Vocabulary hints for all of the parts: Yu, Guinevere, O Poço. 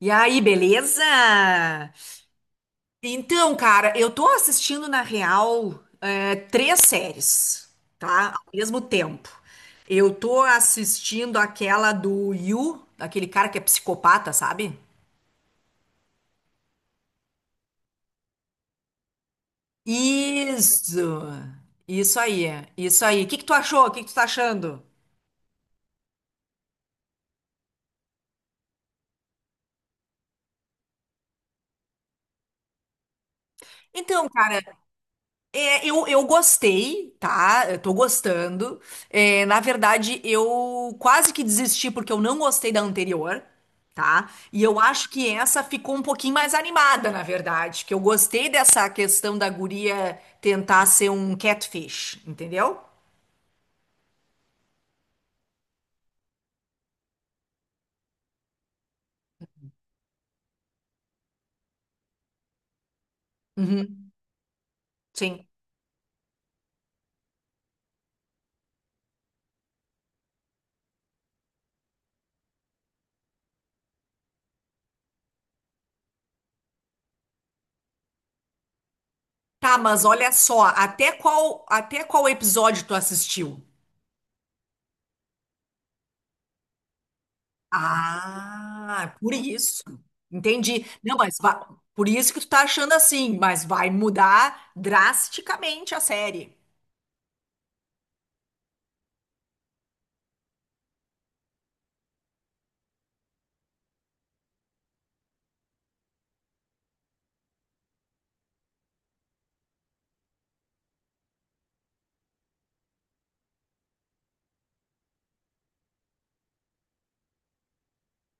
E aí, beleza? Então, cara, eu tô assistindo na real é, três séries, tá? Ao mesmo tempo. Eu tô assistindo aquela do Yu, aquele cara que é psicopata, sabe? Isso! Isso aí, isso aí. O que que tu achou? O que que tu tá achando? Então, cara, É, eu gostei, tá? Eu tô gostando. É, na verdade, eu quase que desisti porque eu não gostei da anterior, tá? E eu acho que essa ficou um pouquinho mais animada, na verdade. Que eu gostei dessa questão da guria tentar ser um catfish, entendeu? Uhum, sim. Tá, mas olha só, até qual episódio tu assistiu? Ah, por isso. Entendi. Não, mas va- Por isso que tu tá achando assim, mas vai mudar drasticamente a série.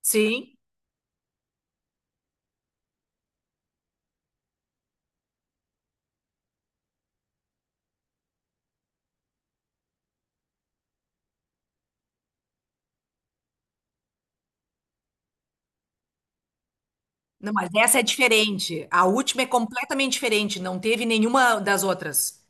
Sim. Não, mas essa é diferente. A última é completamente diferente, não teve nenhuma das outras.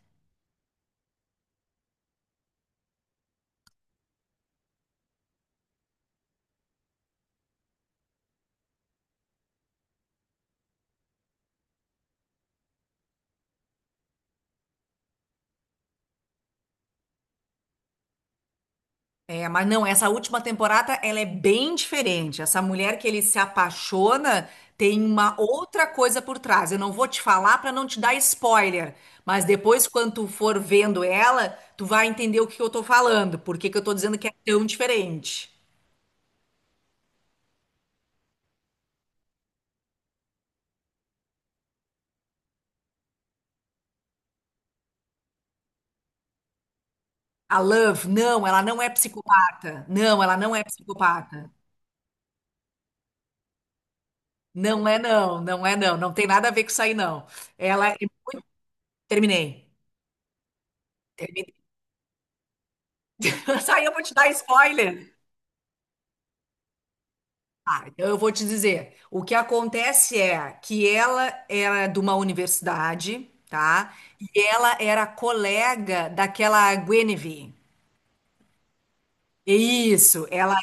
É, mas não, essa última temporada ela é bem diferente. Essa mulher que ele se apaixona tem uma outra coisa por trás. Eu não vou te falar para não te dar spoiler, mas depois quando tu for vendo ela, tu vai entender o que eu tô falando, por que que eu tô dizendo que é tão diferente. A Love, não, ela não é psicopata. Não, ela não é psicopata. Não é não, não é não, não tem nada a ver com isso aí não. Ela terminei. Isso aí eu vou te dar spoiler. Tá, então eu vou te dizer. O que acontece é que ela era de uma universidade, tá? E ela era colega daquela Guinevere. É isso, ela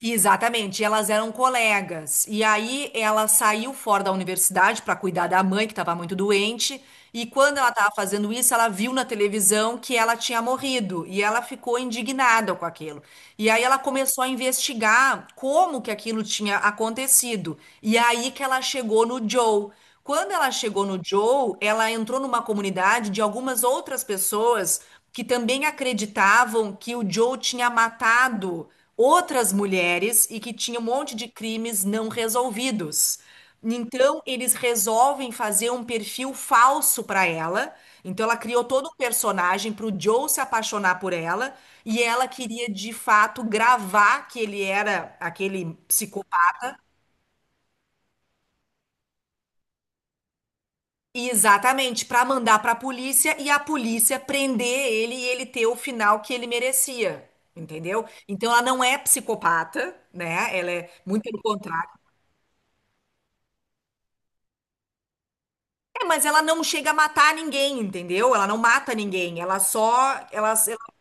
exatamente, elas eram colegas. E aí ela saiu fora da universidade para cuidar da mãe, que estava muito doente. E quando ela estava fazendo isso, ela viu na televisão que ela tinha morrido. E ela ficou indignada com aquilo. E aí ela começou a investigar como que aquilo tinha acontecido. E aí que ela chegou no Joe. Quando ela chegou no Joe, ela entrou numa comunidade de algumas outras pessoas que também acreditavam que o Joe tinha matado outras mulheres e que tinha um monte de crimes não resolvidos. Então, eles resolvem fazer um perfil falso para ela. Então, ela criou todo um personagem para o Joe se apaixonar por ela. E ela queria, de fato, gravar que ele era aquele psicopata exatamente, para mandar para a polícia e a polícia prender ele e ele ter o final que ele merecia, entendeu? Então ela não é psicopata, né? Ela é muito pelo contrário. É, mas ela não chega a matar ninguém, entendeu? Ela não mata ninguém, ela só, ela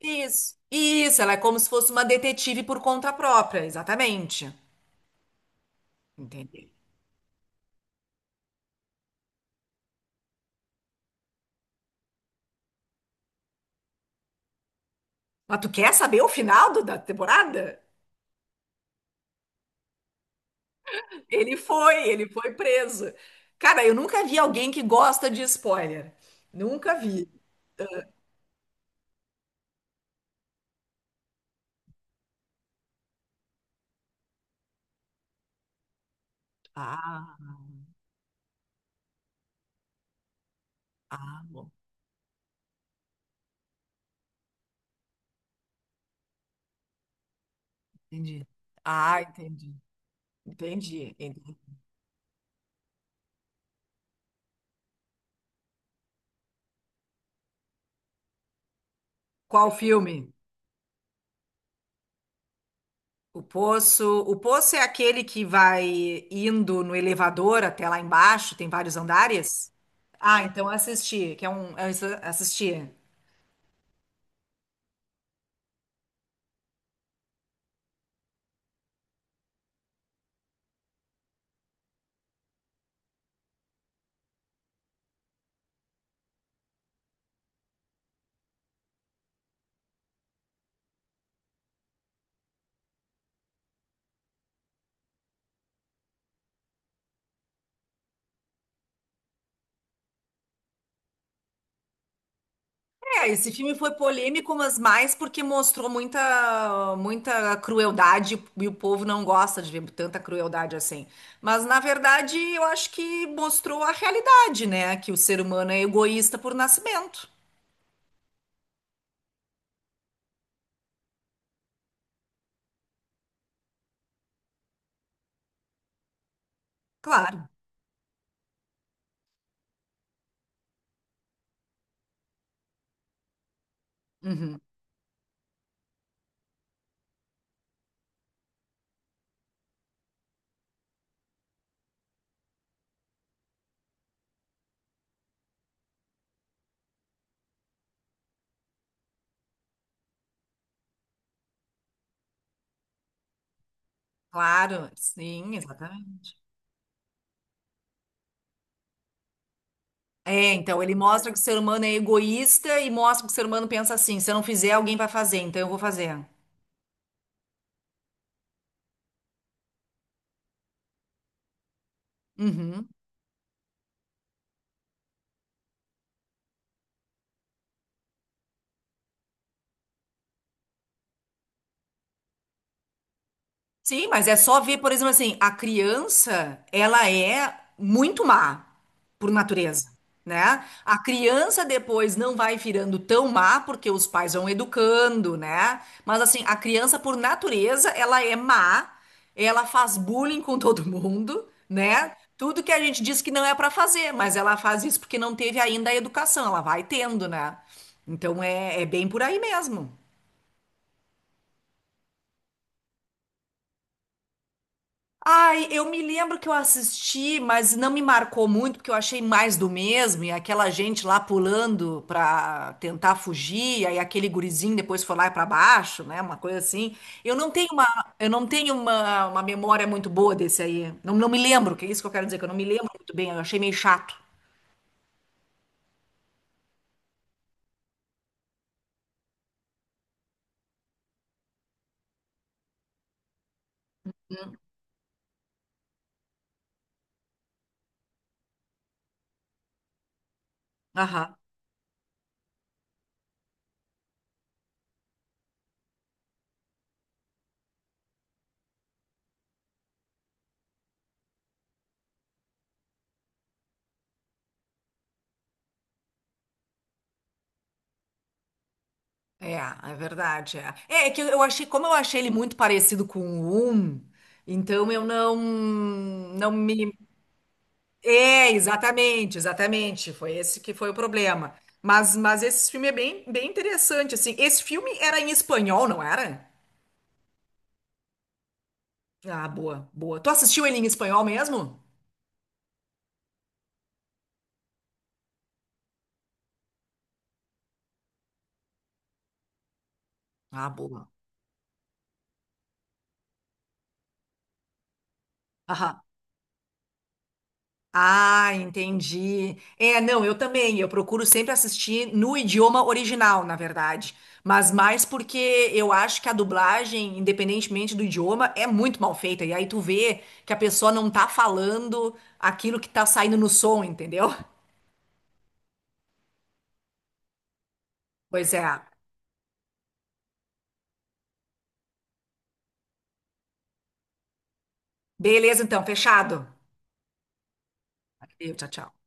isso. Isso, ela é como se fosse uma detetive por conta própria, exatamente. Entendeu? Mas tu quer saber o final do- da temporada? Ele foi preso. Cara, eu nunca vi alguém que gosta de spoiler. Nunca vi. Ah, ah, bom, entendi. Ah, entendi. Entendi, entendi. Qual filme? O Poço. O Poço é aquele que vai indo no elevador até lá embaixo, tem vários andares? Ah, então eu assisti, eu assisti. É, esse filme foi polêmico, mas mais porque mostrou muita, muita crueldade e o povo não gosta de ver tanta crueldade assim. Mas, na verdade, eu acho que mostrou a realidade, né? Que o ser humano é egoísta por nascimento. Claro. Uhum. Claro, sim, exatamente. É, então, ele mostra que o ser humano é egoísta e mostra que o ser humano pensa assim: se eu não fizer, alguém vai fazer, então eu vou fazer. Uhum. Sim, mas é só ver, por exemplo, assim, a criança, ela é muito má por natureza, né? A criança depois não vai virando tão má porque os pais vão educando, né? Mas assim, a criança por natureza, ela é má, ela faz bullying com todo mundo, né? Tudo que a gente diz que não é pra fazer, mas ela faz isso porque não teve ainda a educação, ela vai tendo, né? Então é, é bem por aí mesmo. Ai, eu me lembro que eu assisti, mas não me marcou muito, porque eu achei mais do mesmo, e aquela gente lá pulando pra tentar fugir, aí aquele gurizinho depois foi lá pra baixo, né? Uma coisa assim. Eu não tenho uma, eu não tenho uma memória muito boa desse aí. Não, não me lembro, que é isso que eu quero dizer, que eu não me lembro muito bem, eu achei meio chato. Aham. É, é verdade. É que eu achei, como eu achei ele muito parecido com o Um, então eu não me, é, exatamente, exatamente. Foi esse que foi o problema. Mas esse filme é bem, bem interessante, assim. Esse filme era em espanhol, não era? Ah, boa, boa. Tu assistiu ele em espanhol mesmo? Ah, boa. Aham. Ah, entendi. É, não, eu também. Eu procuro sempre assistir no idioma original, na verdade. Mas mais porque eu acho que a dublagem, independentemente do idioma, é muito mal feita. E aí tu vê que a pessoa não tá falando aquilo que tá saindo no som, entendeu? Pois é. Beleza, então, fechado. Valeu, tchau, tchau.